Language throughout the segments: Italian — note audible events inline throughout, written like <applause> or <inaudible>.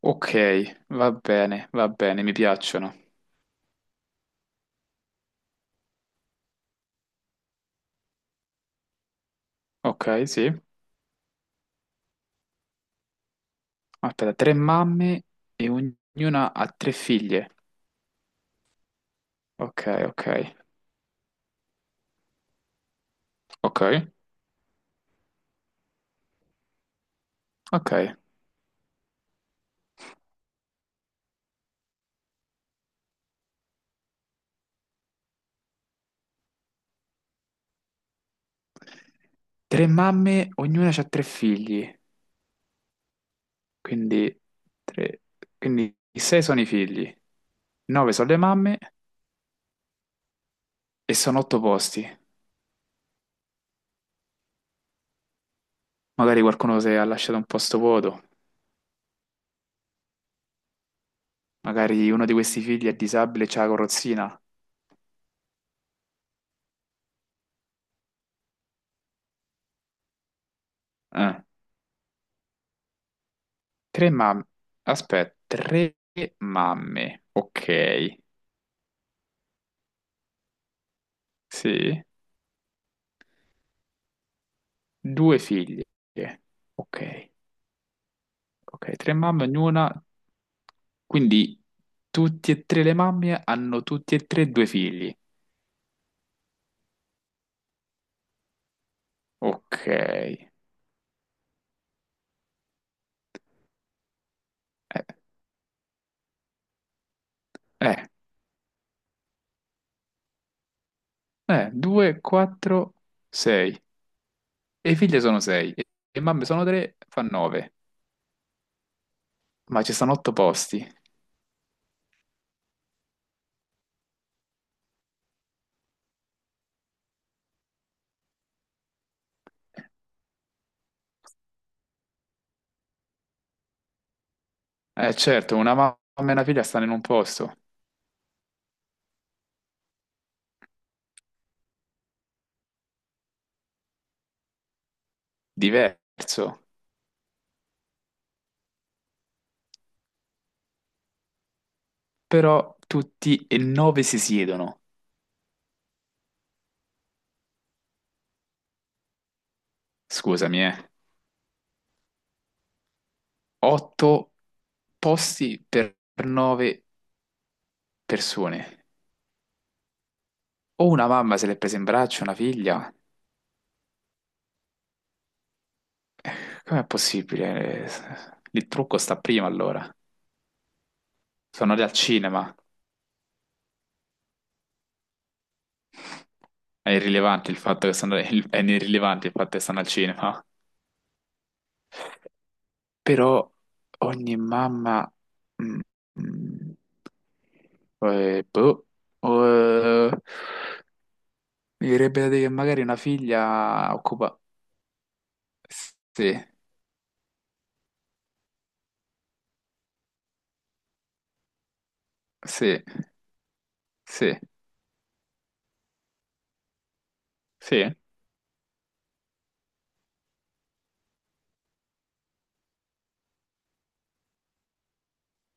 Ok, va bene, mi piacciono. Ok, sì. Aspetta, tre mamme e ognuna ha tre figlie. Ok, ok, ok, ok. Tre mamme, ognuna ha tre figli. Quindi, tre... quindi sei sono i figli, nove sono le mamme e sono otto posti. Magari qualcuno si è lasciato un posto vuoto. Magari uno di questi figli è disabile e c'ha la carrozzina. Eh. Tre mamme. Aspetta, tre mamme. Ok, sì. Due figlie. Ok, ok, tre mamme ognuna. Quindi tutti e tre le mamme hanno tutti e tre due figli. Ok. Eh, due, quattro, sei. E le figlie sono sei. E le mamme sono tre, fa nove. Ma ci stanno otto posti. Eh certo, una mamma e una figlia stanno in un posto diverso. Però tutti e nove si siedono. Scusami, eh. Otto posti per nove persone. O una mamma se l'è presa in braccio, una figlia. Eh, Com'è possibile? Il trucco sta prima allora. Sono andati al cinema. È irrilevante il fatto che stanno, <laughs> è irrilevante il fatto che stanno al cinema. Però ogni mamma... mm, mm, boh, eh, mi verrebbe da dire che magari una figlia occupa... Sì, sì, sì, sì.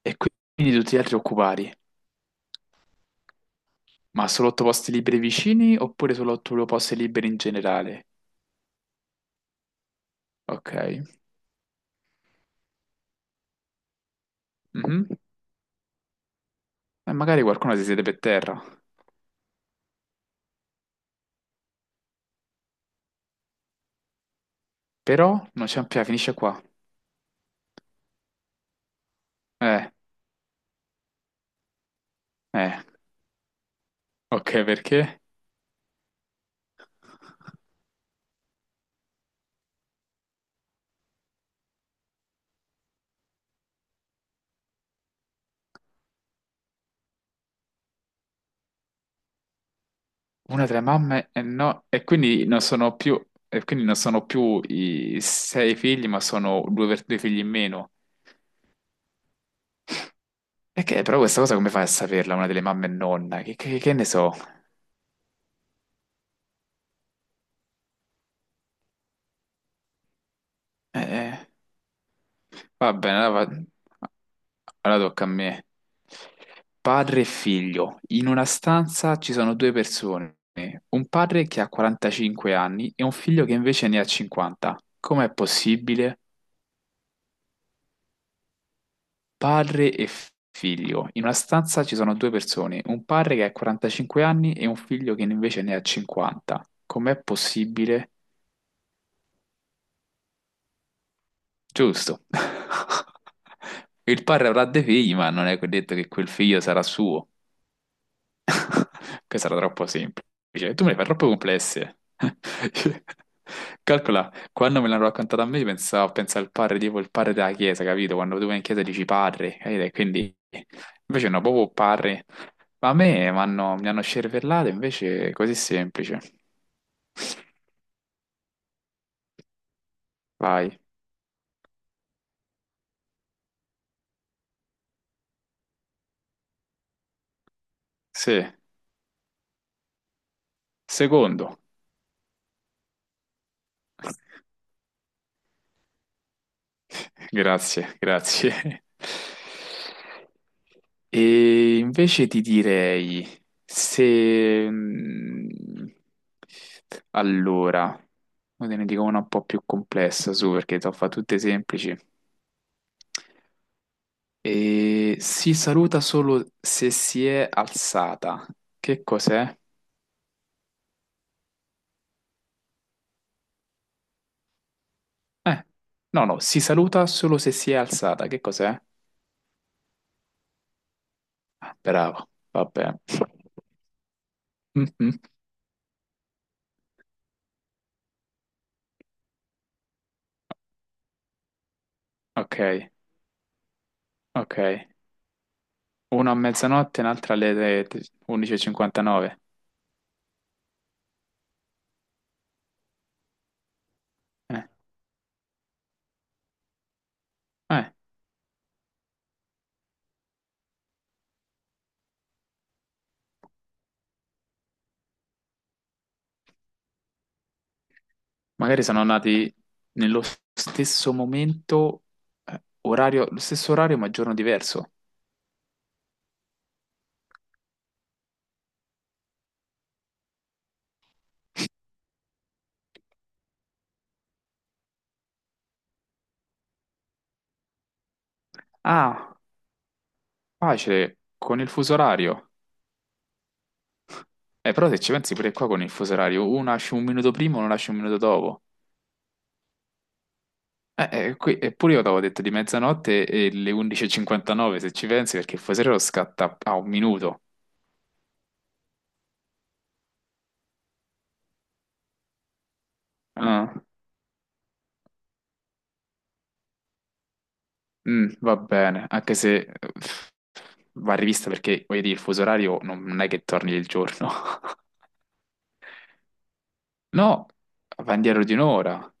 E quindi tutti gli altri occupati, ma solo otto posti liberi vicini oppure solo otto posti liberi in generale? Ok. Mhm. E magari qualcuno si siede per terra, però non c'è un piano, finisce qua. Eh, eh, ok, perché? Una tra le mamme e no, e quindi non sono più, e quindi non sono più i sei figli, ma sono due, due figli in meno. E che, però questa cosa come fai a saperla, una delle mamme e nonna? Che, che ne so? Eh, va bene, allora, allora tocca a me. Padre e figlio. In una stanza ci sono due persone, un padre che ha 45 anni e un figlio che invece ne ha 50. Com'è possibile? Padre e figlio. In una stanza ci sono due persone, un padre che ha 45 anni e un figlio che invece ne ha 50. Com'è possibile? Giusto. <laughs> Il padre avrà dei figli, ma non è detto che quel figlio sarà suo. <laughs> Questa era troppo semplice. Tu me le fai troppo complesse. <laughs> Calcola, quando me l'hanno raccontata a me, pensavo, pensa al padre, tipo il padre della chiesa, capito? Quando tu vai in chiesa dici padre, capito? E quindi invece no, proprio padre. Ma a me mi hanno scervellato, invece è così semplice. Vai. Sì. Secondo. Grazie, grazie. E invece ti direi se... allora, ora te ne dico una un po' più complessa, su, perché te ho fatto tutte semplici. E si saluta solo se si è alzata. Che cos'è? Eh, no, no, si saluta solo se si è alzata. Che cos'è? Ah, bravo, vabbè. <laughs> Mhm. Ok, ok. Uno a mezzanotte, un'altra alle 11:59. Eh, eh, magari sono nati nello stesso momento, orario, lo stesso orario ma giorno diverso. Ah, facile, con il fuso orario. Però se ci pensi pure qua con il fuso orario, uno nasce un minuto prima, uno nasce un minuto dopo. Qui, eppure io avevo detto di mezzanotte e le 11:59 se ci pensi, perché il fuso orario scatta a un minuto. Mm, va bene, anche se va rivista perché, voglio dire, il fuso orario non è che torni il giorno. <laughs> No, va indietro di un'ora.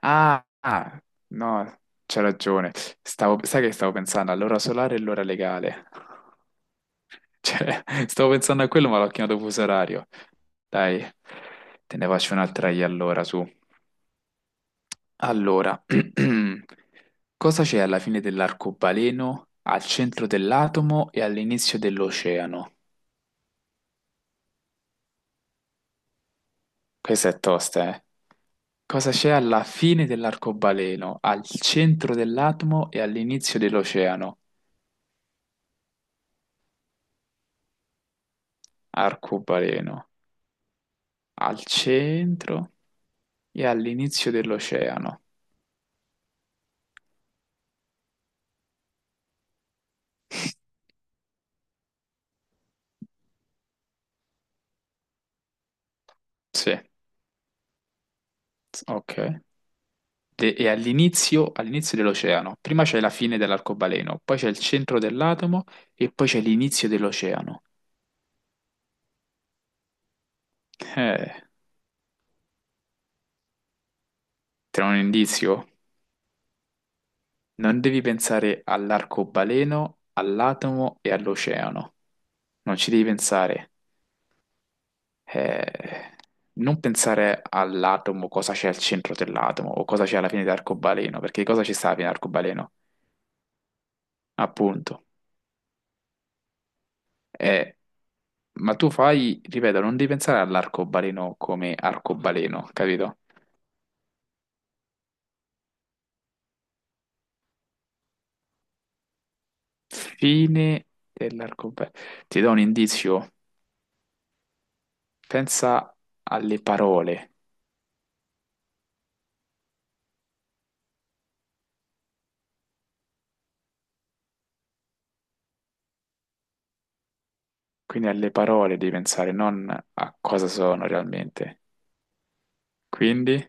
Ah, ah, no, c'è ragione. Sai che stavo pensando all'ora solare e l'ora legale. Cioè, <laughs> stavo pensando a quello, ma l'ho chiamato fuso orario. Dai, te ne faccio un'altra io allora, su. Allora, <clears throat> cosa c'è alla fine dell'arcobaleno, al centro dell'atomo e all'inizio dell'oceano? Questa è tosta, eh. Cosa c'è alla fine dell'arcobaleno, al centro dell'atomo e all'inizio dell'oceano? Arcobaleno, al centro e all'inizio dell'oceano. <laughs> Sì, ok. E all'inizio dell'oceano. Prima c'è la fine dell'arcobaleno, poi c'è il centro dell'atomo e poi c'è l'inizio dell'oceano. Eh, te ne ho un indizio? Non devi pensare all'arcobaleno, all'atomo e all'oceano. Non ci devi pensare. Eh, non pensare all'atomo, cosa c'è al centro dell'atomo o cosa c'è alla fine dell'arcobaleno, perché cosa ci sta alla fine dell'arcobaleno? Appunto. Eh, ma tu fai, ripeto, non devi pensare all'arcobaleno come arcobaleno, capito? Fine dell'arcobaleno. Ti do un indizio. Pensa alle parole. Quindi alle parole devi pensare, non a cosa sono realmente. Quindi,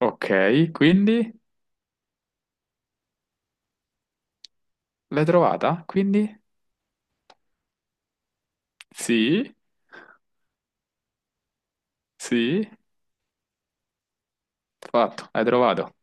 ok, quindi l'hai trovata? Quindi, sì, sì, fatto, hai trovato.